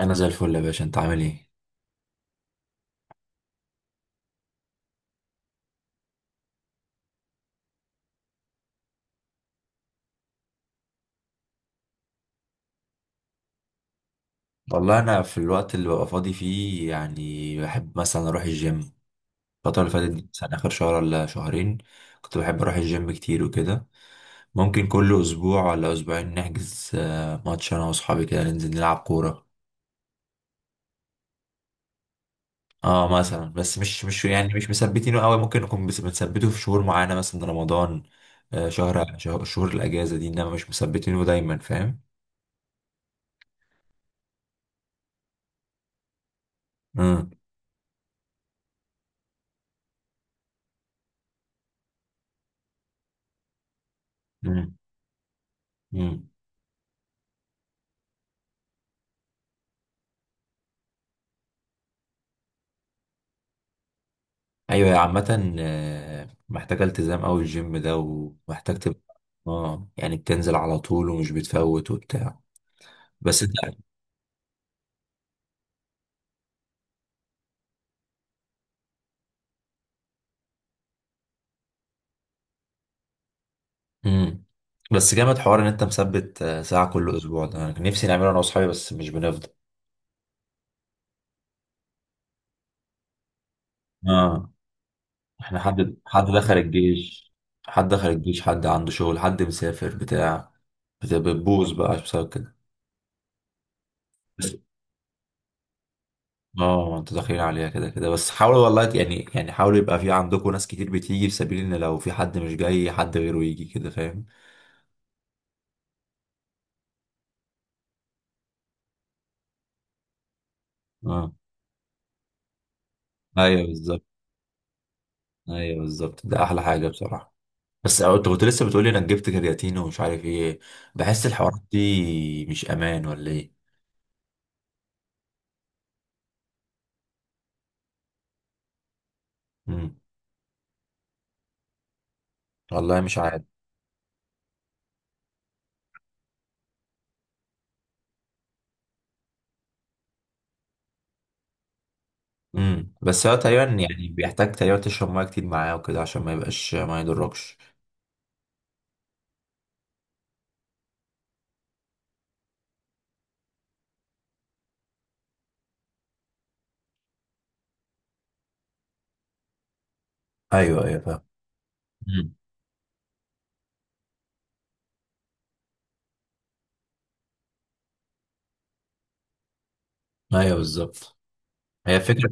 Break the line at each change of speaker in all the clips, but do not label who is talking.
انا زي الفل يا باشا، انت عامل ايه؟ والله، انا في الوقت اللي ببقى فاضي فيه يعني بحب مثلا اروح الجيم. الفتره اللي فاتت دي مثلا اخر شهر ولا شهرين كنت بحب اروح الجيم كتير وكده. ممكن كل اسبوع ولا اسبوعين نحجز ماتش انا واصحابي كده ننزل نلعب كوره. اه مثلا، بس مش يعني مش مثبتينه قوي. ممكن نكون بنثبته في شهور معينه مثلا رمضان، شهر شهر شهور الاجازه دي، انما مش مثبتينه دايما، فاهم. امم. ايوه، هي عامة محتاجة التزام اوي الجيم ده، ومحتاج تبقى اه يعني بتنزل على طول ومش بتفوت وبتاع. بس انت. امم. بس جامد حوار ان انت مثبت ساعة كل اسبوع، ده انا كان نفسي نعمله انا واصحابي بس مش بنفضل. اه، احنا حد دخل الجيش، حد دخل الجيش، حد عنده شغل، حد مسافر بتاع. بتبوظ بقى بسبب كده. اه انتوا داخلين عليها كده كده، بس حاولوا والله، يعني حاولوا يبقى في عندكم ناس كتير بتيجي في سبيل ان لو في حد مش جاي، حد غيره يجي، كده فاهم. اه، ايوه بالظبط. ايوه بالظبط، ده احلى حاجه بصراحه. بس انت كنت لسه بتقولي انا جبت كرياتين ومش عارف ايه، بحس الحوارات دي مش امان ولا ايه. امم. والله مش عارف. امم. بس هو تقريبا يعني بيحتاج تقريبا تشرب ميه كتير معاه وكده عشان ما يبقاش ما يضركش. ايوه ايوه فاهم. امم. ايوه بالظبط. هي فكره.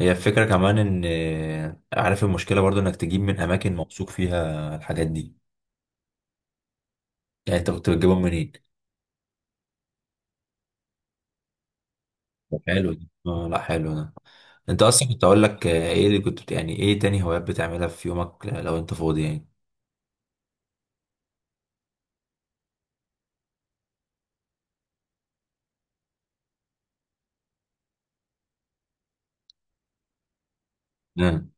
هي الفكرة كمان ان عارف المشكلة برضو انك تجيب من اماكن موثوق فيها الحاجات دي. يعني انت كنت بتجيبهم منين؟ طب حلو ده، آه، لا حلو ده. انت اصلا كنت اقول لك ايه اللي كنت، يعني ايه تاني هوايات بتعملها في يومك لو انت فاضي يعني؟ مم.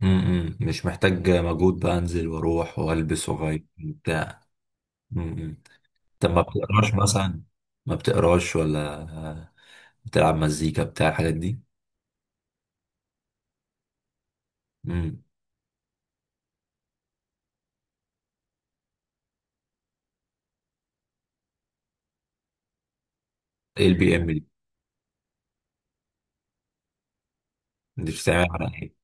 مم. مش محتاج مجهود بقى، انزل واروح والبس واغير بتاع. مم. طب ما بتقراش مثلا؟ ما بتقراش، ولا بتلعب مزيكا بتاع الحاجات دي؟ مم. ايه البي ام دي؟ دي بتستعملها على ايه؟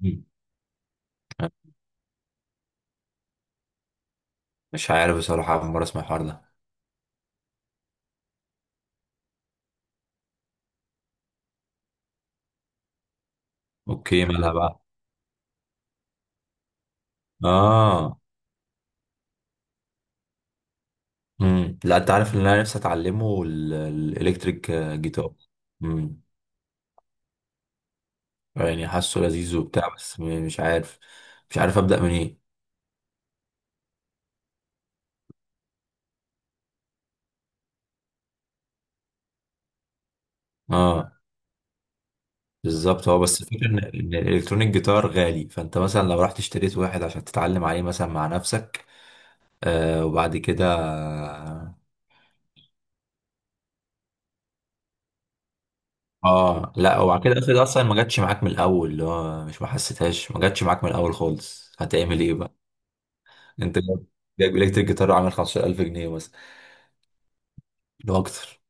مم. مش عارف بصراحة، أول مرة أسمع الحوار ده. أوكي، مالها بقى؟ آه. مم. لا، أنت عارف اللي أنا نفسي أتعلمه، الإلكتريك جيتار. مم. يعني حاسه لذيذ وبتاع، بس مش عارف، مش عارف أبدأ منين. آه. بالظبط، هو بس الفكرة إن الإلكترونيك جيتار غالي، فأنت مثلا لو رحت اشتريت واحد عشان تتعلم عليه مثلا مع نفسك. آه وبعد كده. آه لا، وبعد كده افرض أصلا ما جاتش معاك من الأول، اللي هو مش ما حسيتهاش، ما جاتش معاك من الأول خالص، هتعمل إيه بقى؟ انت جايب جايب الكتريك جيتار عامل 15,000 جنيه مثلا، لو اكتر.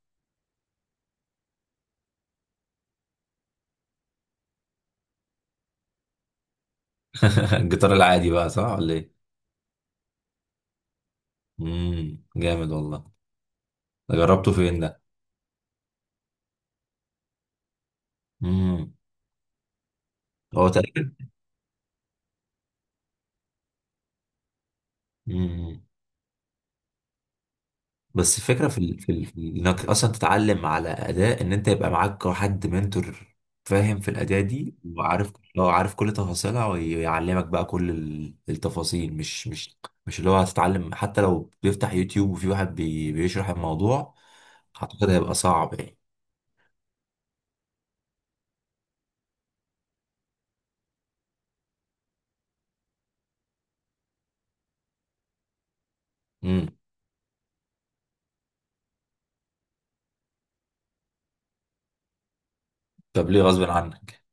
الجيتار العادي بقى، صح ولا ايه؟ امم، جامد والله. ده جربته فين ده؟ امم. هو تقريبا امم بس الفكره انك اصلا تتعلم على اداء، ان انت يبقى معاك حد منتور، فاهم في الاداء دي، لو عارف كل تفاصيلها ويعلمك بقى كل التفاصيل، مش مش اللي هو هتتعلم حتى لو بيفتح يوتيوب وفي واحد بيشرح الموضوع. اعتقد هيبقى صعب. يعني. طب ليه غصب عنك؟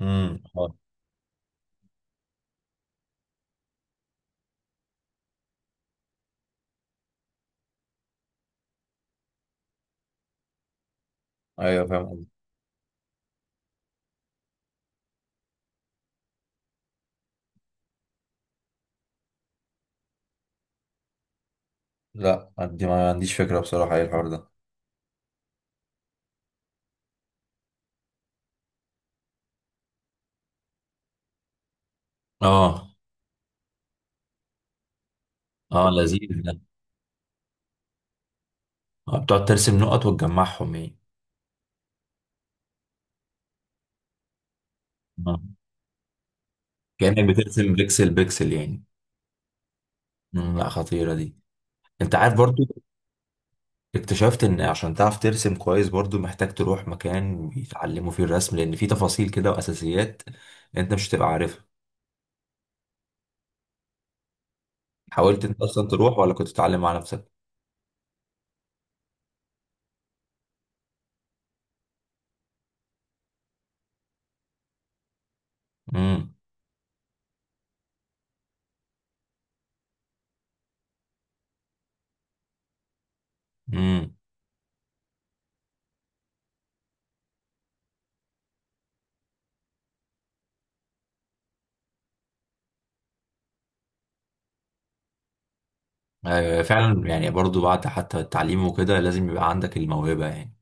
امم، اه ايوه فاهم قصدك. لا، عندي ما عنديش فكره بصراحه، ايه الحوار ده؟ اه. اه لذيذ ده. آه، بتقعد ترسم نقط وتجمعهم يعني. آه. كأنك بترسم بيكسل بيكسل يعني. مم، لا خطيرة دي. انت عارف برضو اكتشفت ان عشان تعرف ترسم كويس برضو محتاج تروح مكان بيتعلموا فيه الرسم، لان في تفاصيل كده واساسيات انت مش هتبقى عارفها. حاولت انت اصلا تروح ولا كنت تتعلم مع نفسك؟ امم. آه فعلا، يعني برضو بعد حتى التعليم وكده لازم يبقى عندك الموهبة يعني.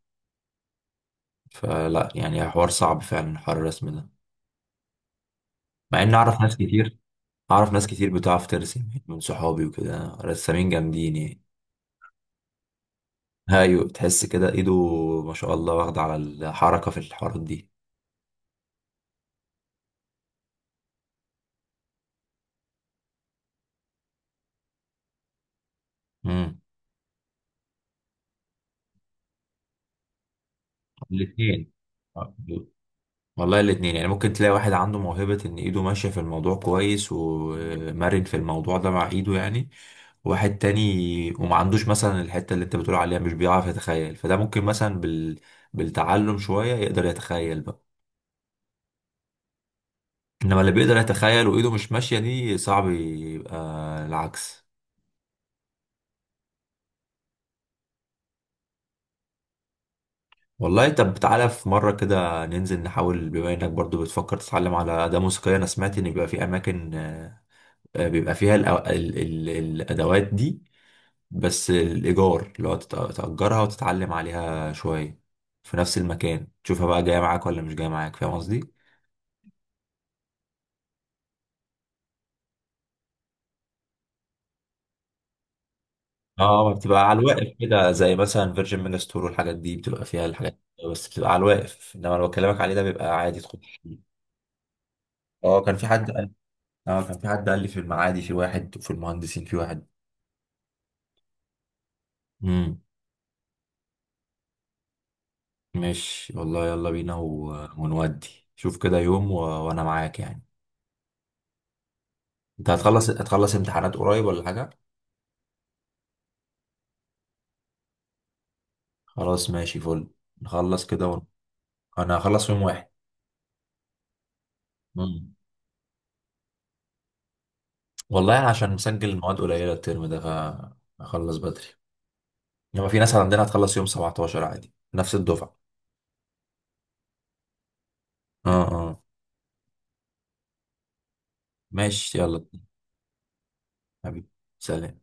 فلا، يعني حوار صعب فعلا حوار الرسم ده. مع ان اعرف ناس كتير، اعرف ناس كتير بتعرف ترسم يعني من صحابي وكده، رسامين جامدين يعني. ايوه، تحس كده ايده، ما شاء الله، واخدة على الحركة في الحوارات دي. امم. الاثنين. والله الاثنين يعني ممكن تلاقي واحد عنده موهبة ان ايده ماشية في الموضوع كويس ومرن في الموضوع ده مع ايده يعني. واحد تاني وما عندوش مثلا الحتة اللي انت بتقول عليها، مش بيعرف يتخيل، فده ممكن مثلا بالتعلم شوية يقدر يتخيل بقى. انما اللي بيقدر يتخيل وايده مش ماشية دي صعب يبقى، العكس. والله طب تعالى في مرة كده ننزل نحاول، بما انك برضو بتفكر تتعلم على أداة موسيقية. انا سمعت ان بيبقى في اماكن بيبقى فيها الادوات دي، بس الايجار اللي هو تأجرها وتتعلم عليها شوية في نفس المكان، تشوفها بقى جاية معاك ولا مش جاية معاك، فاهم قصدي؟ اه، ما بتبقى على الواقف كده زي مثلا فيرجن مينستور، والحاجات دي بتبقى فيها الحاجات دي بس بتبقى على الواقف، انما اللي بكلمك عليه ده بيبقى عادي تخش فيه. اه كان في حد قال، اه كان في حد قال لي في المعادي في واحد، وفي المهندسين في واحد. امم. ماشي والله، يلا بينا ونودي. شوف كده يوم وانا معاك يعني. انت هتخلص امتحانات قريب ولا حاجة؟ خلاص ماشي، فل. نخلص كده انا هخلص يوم واحد. امم. والله أنا عشان مسجل المواد قليلة الترم ده، فهخلص بدري. هو في ناس عندنا هتخلص يوم 17 عادي نفس الدفعة. اه اه. ماشي يلا. حبيبي. سلام.